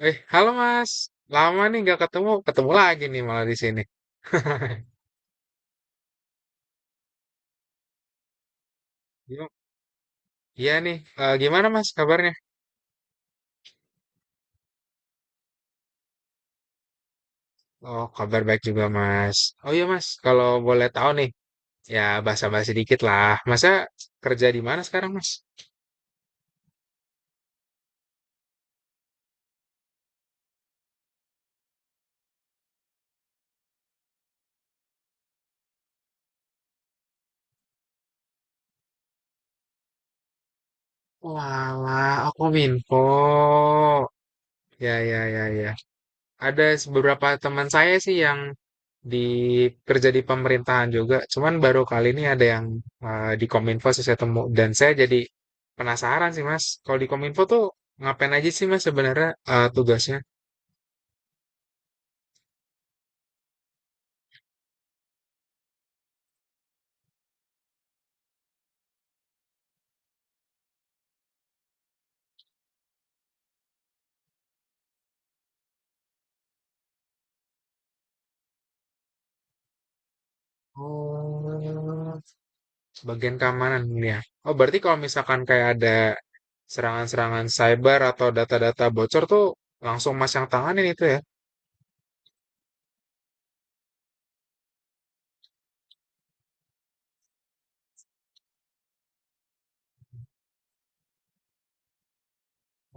Halo Mas. Lama nih nggak ketemu. Ketemu lagi nih malah di sini. Gim- Iya nih. Gimana Mas kabarnya? Oh, kabar baik juga Mas. Oh iya Mas, kalau boleh tahu nih, ya basa-basi dikit lah. Masa kerja di mana sekarang Mas? Walah, aku minfo. Ya, ya, ya, ya. Ada beberapa teman saya sih yang di kerja di pemerintahan juga, cuman baru kali ini ada yang di Kominfo sih saya temu dan saya jadi penasaran sih Mas. Kalau di Kominfo tuh ngapain aja sih Mas sebenarnya tugasnya? Oh, bagian keamanan ini ya. Oh, berarti kalau misalkan kayak ada serangan-serangan cyber atau data-data bocor tuh langsung Mas yang tanganin itu ya?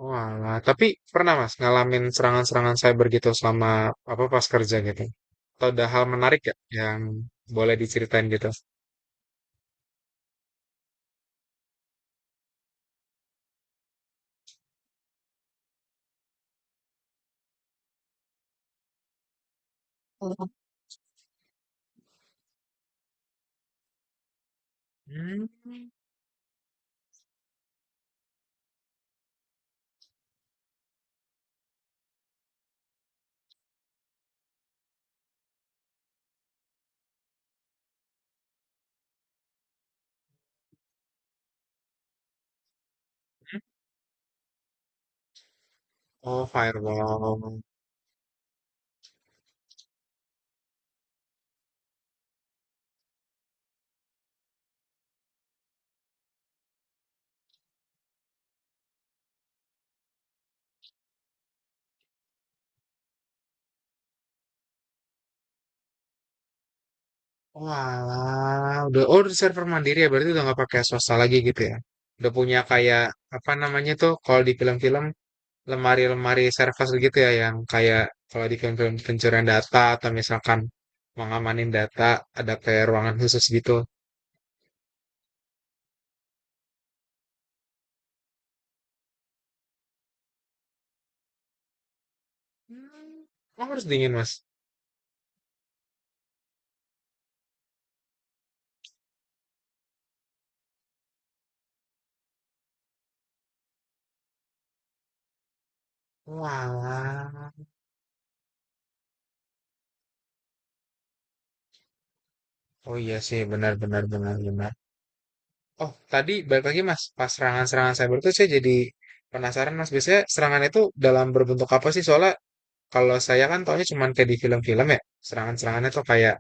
Walah, tapi pernah Mas ngalamin serangan-serangan cyber gitu selama apa pas kerja gitu? Atau ada hal menarik gak yang boleh diceritain gitu? Hmm. Oh, firewall. Walah, udah oh udah server mandiri ya berarti udah nggak pakai swasta lagi gitu ya. Udah punya kayak apa namanya tuh kalau di film-film lemari-lemari service gitu ya yang kayak kalau di film-film pencurian data atau misalkan mengamanin data ada kayak ruangan khusus gitu. Hmm. Oh, harus dingin, Mas. Walah. Oh iya sih, benar benar benar benar. Oh, tadi balik lagi Mas, pas serangan-serangan cyber itu saya jadi penasaran Mas, biasanya serangan itu dalam berbentuk apa sih? Soalnya kalau saya kan taunya cuman kayak di film-film ya, serangan-serangannya tuh kayak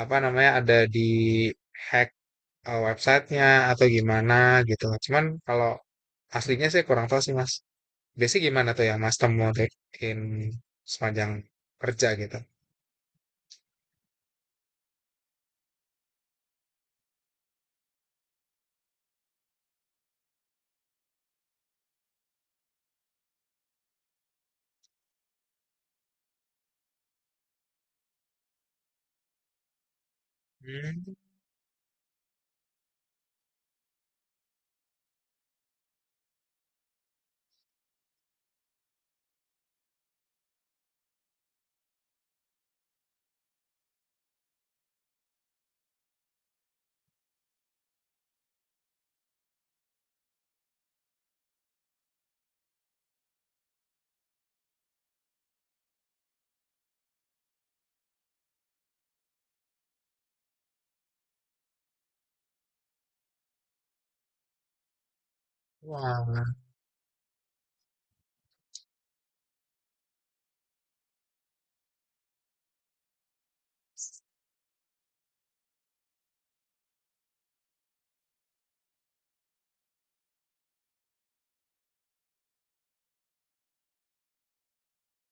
apa namanya ada di hack websitenya atau gimana gitu. Cuman kalau aslinya saya kurang tahu sih Mas. Biasanya gimana tuh yang Mas temuin sepanjang kerja gitu? Hmm, walah.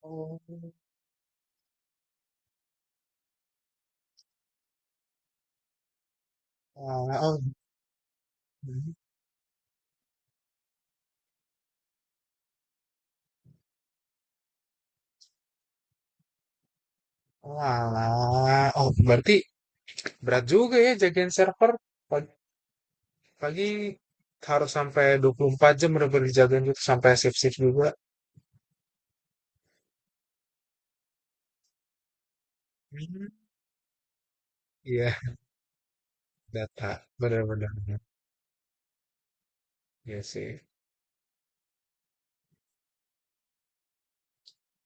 Oh, walah. Oh, Walah, oh berarti berat juga ya jagain server. Pag- Pagi, harus sampai 24 jam bener-bener dijagain gitu sampai shift-shift juga. Hmm, iya, data bener-bener. Iya sih.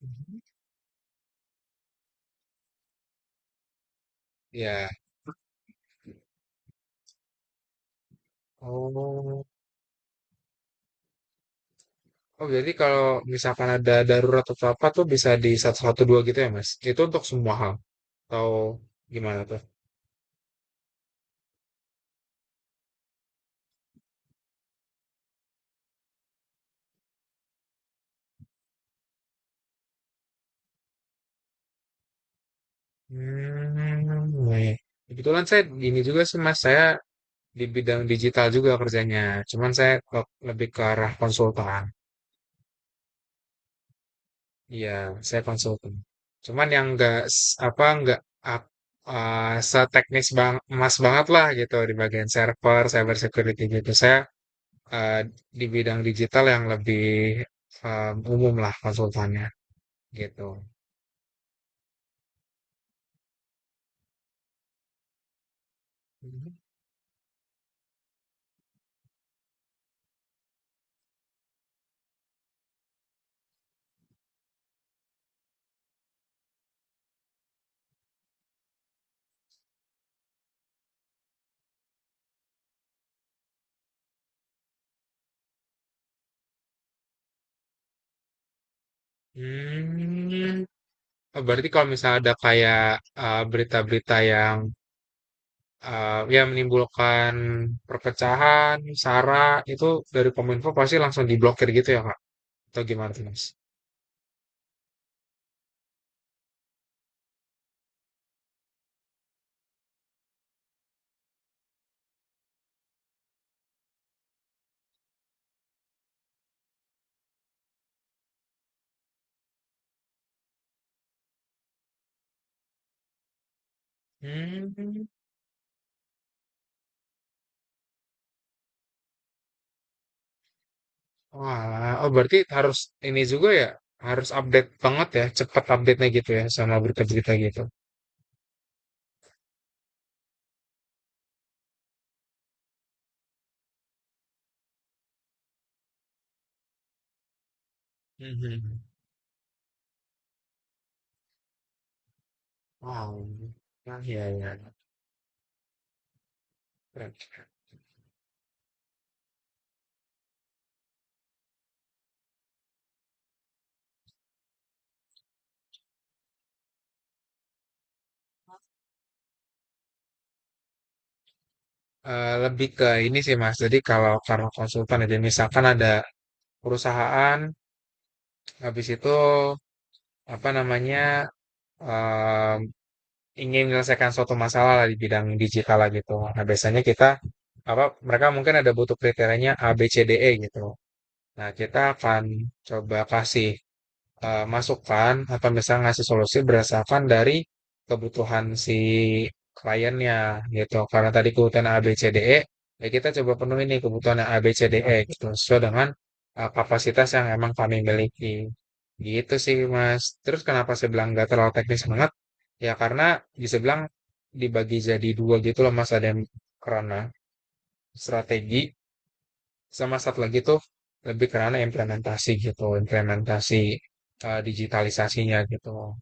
Mhm. Iya. Oh. Oh, jadi kalau misalkan ada darurat atau apa tuh bisa di 112 gitu ya, Mas? Itu untuk semua hal atau gimana tuh? Hmm, iya. Kebetulan saya gini juga sih, Mas. Saya di bidang digital juga kerjanya. Cuman saya kok lebih ke arah konsultan. Iya, saya konsultan. Cuman yang enggak apa nggak enggak seteknis bang emas banget lah gitu di bagian server, cyber security gitu. Saya eh, di bidang digital yang lebih umum lah konsultannya gitu. Hmm, oh, berarti kalau misalnya ada kayak berita-berita yang ya menimbulkan perpecahan, sara itu dari Kominfo pasti langsung diblokir gitu ya Kak? Atau gimana tuh Mas? Hmm, walah. Oh berarti harus ini juga ya, harus update banget ya, cepat update-nya gitu ya sama berita-berita gitu. Mhm. Wow. Nah, ya, ya. Keren. Lebih ke ini sih Mas. Jadi kalau karena konsultan aja misalkan ada perusahaan habis itu apa namanya eh, ingin menyelesaikan suatu masalah lah di bidang digital lah gitu. Nah, biasanya kita apa mereka mungkin ada butuh kriterianya A, B, C, D, E gitu. Nah, kita akan coba kasih masukan atau misalnya ngasih solusi berdasarkan dari kebutuhan si kliennya gitu. Karena tadi kebutuhan A, B, C, D, E, ya kita coba penuhi nih kebutuhan A, B, C, D, E gitu sesuai dengan kapasitas yang emang kami miliki. Gitu sih, Mas. Terus kenapa saya bilang nggak terlalu teknis banget? Ya karena bisa bilang dibagi jadi dua gitu loh Mas, ada yang kerana strategi sama satu lagi tuh lebih kerana implementasi gitu, implementasi digitalisasinya gitu.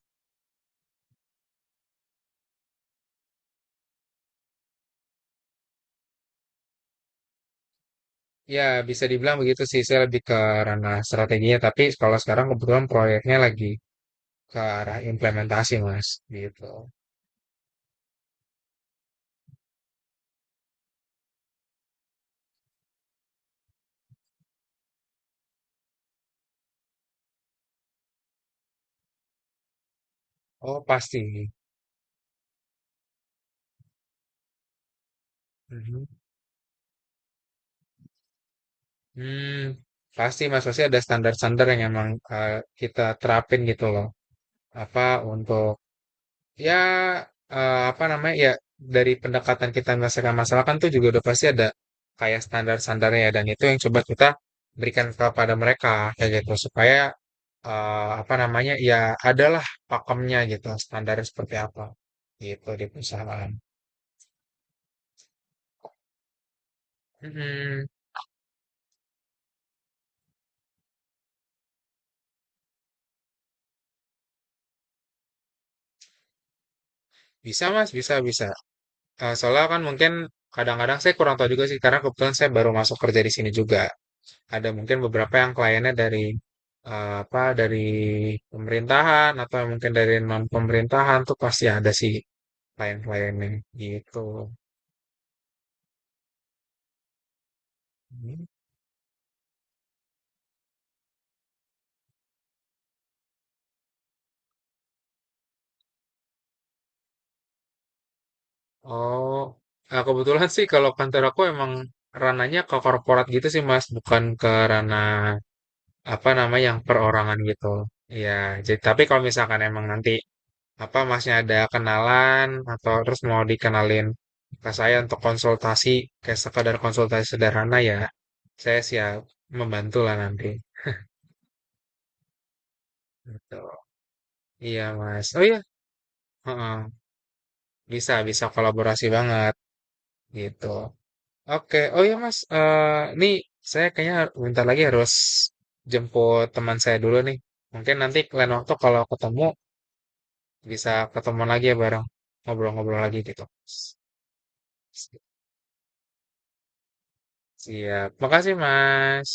Ya bisa dibilang begitu sih, saya lebih ke ranah strateginya, tapi kalau sekarang kebetulan proyeknya lagi ke arah implementasi Mas, gitu. Oh pasti. Mhm. Hmm, pasti Mas, pasti ada standar-standar yang emang kita terapin gitu loh. Apa untuk ya eh, apa namanya ya dari pendekatan kita menyelesaikan masalah kan tuh juga udah pasti ada kayak standar-standarnya ya, dan itu yang coba kita berikan kepada mereka kayak gitu supaya eh, apa namanya ya adalah pakemnya gitu standarnya seperti apa gitu di perusahaan. Mm-mm. Bisa mas, bisa bisa. Eh, soalnya kan mungkin kadang-kadang saya kurang tahu juga sih karena kebetulan saya baru masuk kerja di sini juga. Ada mungkin beberapa yang kliennya dari eh, apa dari pemerintahan atau mungkin dari non pemerintahan tuh pasti ada sih klien-kliennya gitu. Hmm. Oh, nah, kebetulan sih kalau kantor aku emang rananya ke korporat gitu sih Mas, bukan ke ranah apa namanya yang perorangan gitu. Iya, jadi tapi kalau misalkan emang nanti apa masnya ada kenalan atau terus mau dikenalin ke saya untuk konsultasi kayak sekadar konsultasi sederhana ya saya siap membantu lah nanti gitu. Iya mas, oh iya, heeh. Bisa bisa kolaborasi banget gitu. Oke, oh iya mas. Nih saya kayaknya bentar lagi harus jemput teman saya dulu nih, mungkin nanti lain waktu kalau ketemu bisa ketemu lagi ya bareng ngobrol-ngobrol lagi gitu. Siap, makasih mas.